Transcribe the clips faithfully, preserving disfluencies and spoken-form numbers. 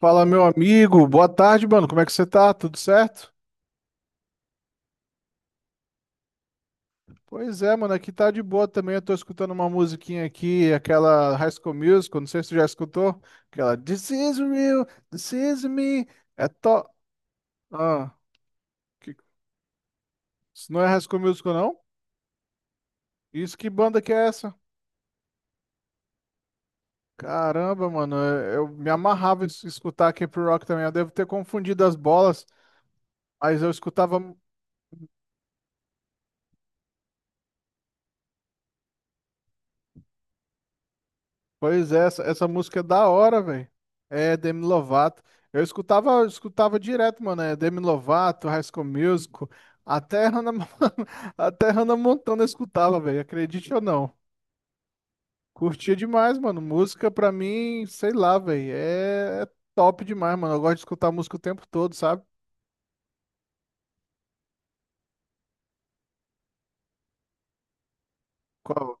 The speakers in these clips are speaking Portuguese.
Fala, meu amigo. Boa tarde, mano. Como é que você tá? Tudo certo? Pois é, mano. Aqui tá de boa também. Eu tô escutando uma musiquinha aqui, aquela High School Musical. Não sei se tu já escutou. Aquela This is real, this is me. É to... Ah, que... Isso não é High School Musical, não? Isso, que banda que é essa? Caramba, mano. Eu eu me amarrava em escutar Camp Rock também. Eu devo ter confundido as bolas, mas eu escutava. Pois é, essa, essa música é da hora, velho. É Demi Lovato. Eu escutava, eu escutava direto, mano. É Demi Lovato, High School Musical, até Hannah, Mon- até Hannah Montana eu escutava, velho. Acredite ou não. Curtia demais, mano. Música pra mim, sei lá, velho. É, é top demais, mano. Eu gosto de escutar música o tempo todo, sabe? Qual?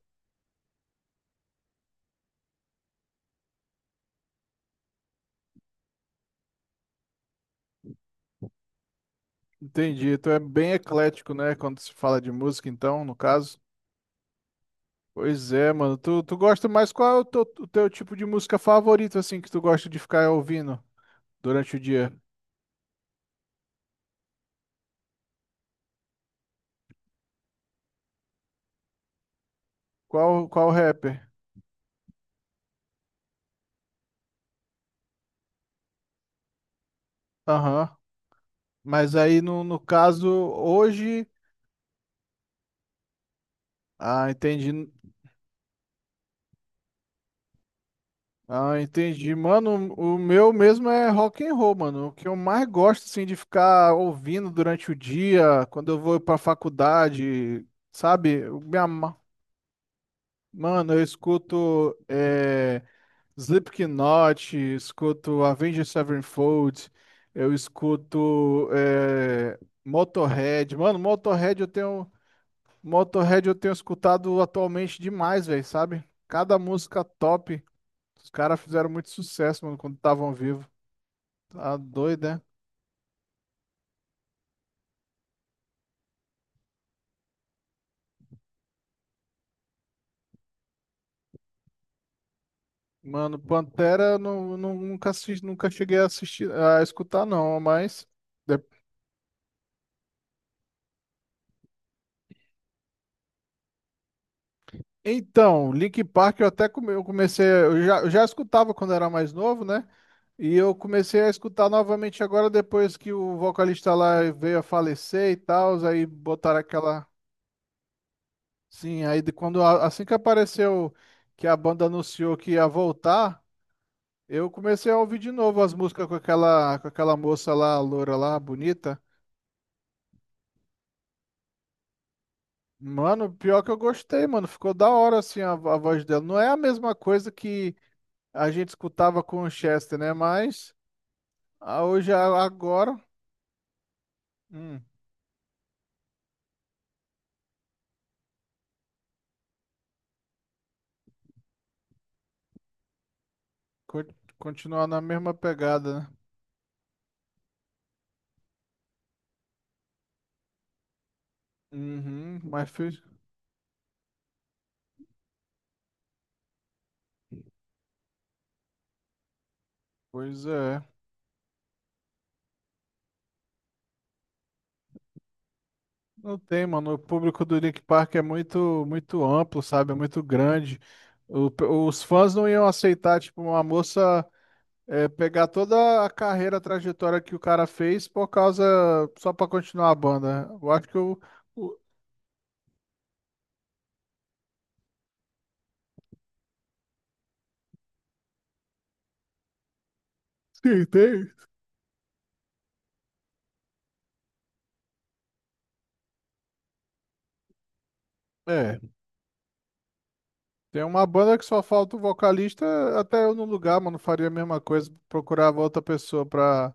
Entendi. Tu é bem eclético, né? Quando se fala de música, então, no caso. Pois é, mano. Tu, tu gosta mais qual é o teu, o teu tipo de música favorito, assim, que tu gosta de ficar ouvindo durante o dia? Qual, qual rapper? Aham. Mas aí, no, no caso, hoje... Ah, entendi. Ah, entendi. Mano, o meu mesmo é rock and roll, mano. O que eu mais gosto, assim, de ficar ouvindo durante o dia, quando eu vou pra faculdade, sabe? Eu me ama- Mano, eu escuto... É... Slipknot, escuto Avenged Sevenfold, eu escuto eh, Motorhead. Mano, Motorhead eu tenho, Motorhead eu tenho escutado atualmente demais, velho, sabe? Cada música top. Os caras fizeram muito sucesso, mano, quando estavam vivos. Tá doido, né? Mano, Pantera eu não, não- nunca assisti, nunca cheguei a assistir, a escutar não, mas então, Linkin Park eu até come- eu comecei, eu já, eu já escutava quando era mais novo, né? E eu comecei a escutar novamente agora depois que o vocalista lá veio a falecer e tal, aí botaram aquela, sim, aí de quando a- assim que apareceu que a banda anunciou que ia voltar, eu comecei a ouvir de novo as músicas com aquela com aquela moça lá, a loura lá, bonita. Mano, pior que eu gostei, mano, ficou da hora assim a a voz dela. Não é a mesma coisa que a gente escutava com o Chester, né? Mas Ah, hoje a- agora, hum, co- continuar na mesma pegada, né? Uhum, mas fez. Pois é. Não tem, mano. O público do Link Park é muito, muito amplo, sabe? É muito grande. O pe- os fãs não iam aceitar, tipo, uma moça é, pegar toda a carreira, a trajetória que o cara fez por causa só pra continuar a banda. Eu acho que eu, o- Sim, tem. É. Tem uma banda que só falta o vocalista, até eu no lugar, mano, faria a mesma coisa, procurava outra pessoa pra...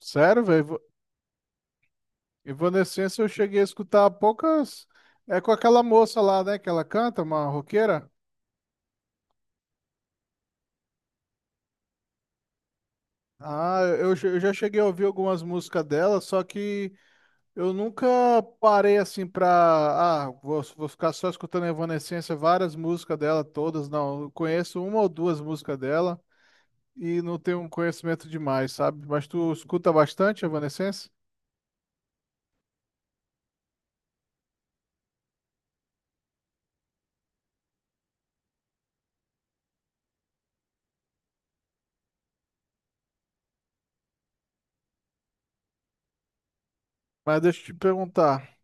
Sério, velho, Evanescence eu cheguei a escutar há poucas... É com aquela moça lá, né, que ela canta, uma roqueira. Ah, eu, che- eu já cheguei a ouvir algumas músicas dela, só que eu nunca parei assim pra... Ah, vou, vou ficar só escutando Evanescence, várias músicas dela, todas, não. Eu conheço uma ou duas músicas dela. E não tenho um conhecimento demais, sabe? Mas tu escuta bastante Evanescence? Mas deixa eu te perguntar,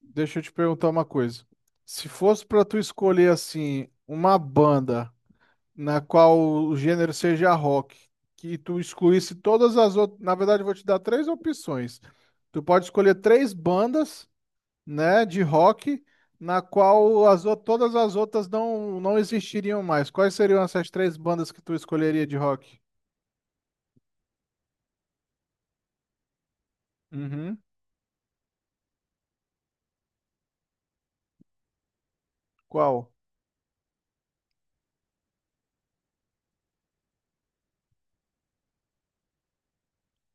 deixa eu te perguntar uma coisa. Se fosse pra tu escolher assim uma banda na qual o gênero seja rock, que tu excluísse todas as outras, na verdade eu vou te dar três opções. Tu pode escolher três bandas, né, de rock na qual as ou- todas as outras não não existiriam mais. Quais seriam essas três bandas que tu escolheria de rock? Uhum. Qual?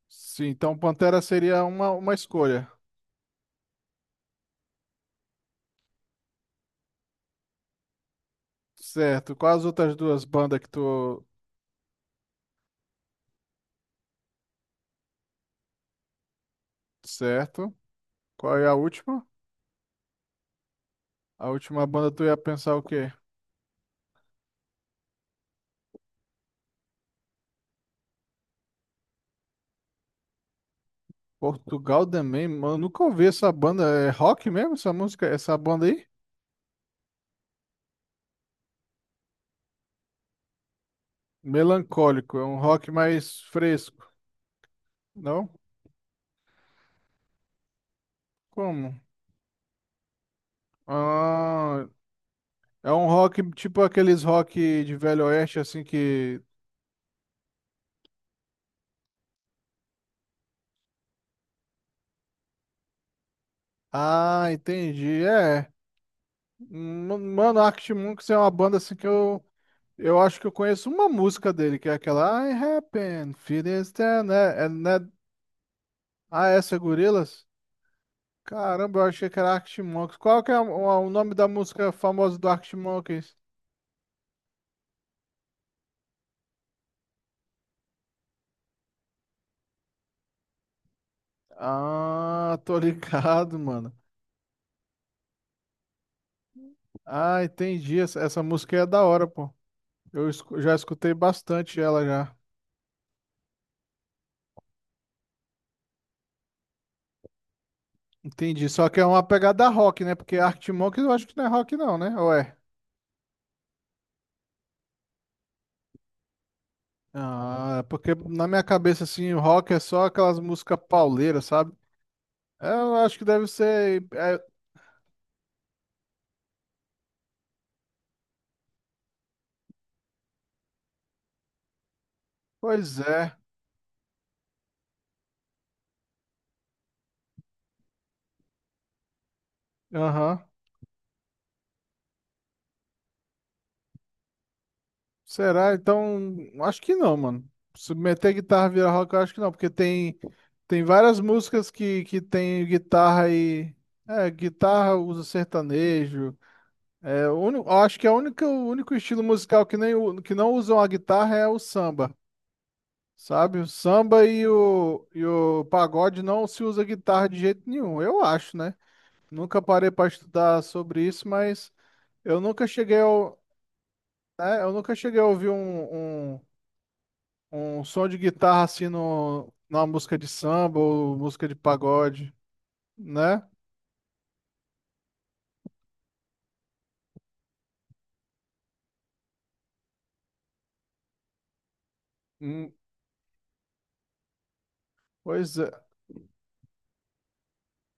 Sim, então Pantera seria uma, uma escolha. Certo. Quais as outras duas bandas que tu. Certo. Qual é a última? A última banda tu ia pensar o quê? Portugal também, mano. Nunca ouvi essa banda. É rock mesmo essa música? Essa banda aí? Melancólico. É um rock mais fresco. Não? Como? Ah, é um rock tipo aqueles rock de Velho Oeste, assim que. Ah, entendi. É. Hum, mano, Arctic Monkeys é uma banda assim que eu. Eu acho que eu conheço uma música dele, que é aquela I Happen, Feeling Stand, né? É, né? Ah, é, essa é Gorillaz? Caramba, eu achei que era Arctic Monkeys. Qual que é o, o nome da música famosa do Arctic Monkeys? Ah, tô ligado, mano. Ah, entendi. Essa, essa música é da hora, pô. Eu escu- já escutei bastante ela já. Entendi. Só que é uma pegada rock, né? Porque Arctic Monkeys eu acho que não é rock não, né? Ou é? Ah, é porque na minha cabeça, assim, o rock é só aquelas músicas pauleiras, sabe? Eu acho que deve ser. é, pois é. Aham. Será? Então, acho que não, mano. Se meter guitarra vira rock, eu acho que não, porque tem, tem várias músicas que, que tem guitarra e. É, guitarra usa sertanejo. É, o uni- eu acho que é o único, o único estilo musical que, nem, o- que não usam a guitarra é o samba, sabe? O samba e o, e o pagode não se usa guitarra de jeito nenhum, eu acho, né? Nunca parei para estudar sobre isso, mas. Eu nunca cheguei ao, é, eu nunca cheguei a ouvir um, um, um som de guitarra assim no, numa música de samba ou música de pagode, né? Hum, pois é,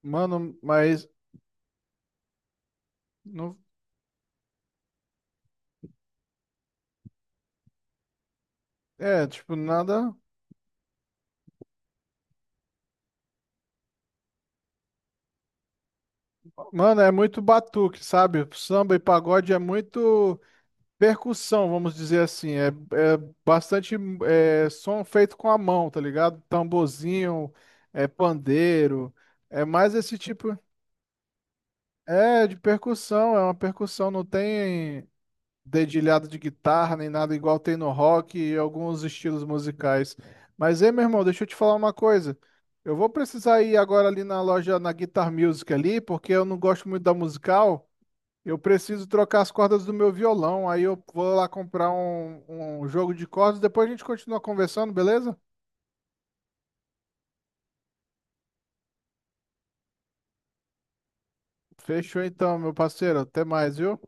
mano, mas não, é, tipo, nada. Mano, é muito batuque, sabe? Samba e pagode é muito percussão, vamos dizer assim. É, é bastante é, som feito com a mão, tá ligado? Tamborzinho, é pandeiro. É mais esse tipo. É, de percussão, é uma percussão, não tem. Dedilhado de guitarra, nem nada igual tem no rock e alguns estilos musicais. Mas, ei, meu irmão, deixa eu te falar uma coisa. Eu vou precisar ir agora ali na loja, na Guitar Music ali, porque eu não gosto muito da musical. Eu preciso trocar as cordas do meu violão. Aí eu vou lá comprar um, um jogo de cordas. Depois a gente continua conversando, beleza? Fechou então, meu parceiro. Até mais, viu?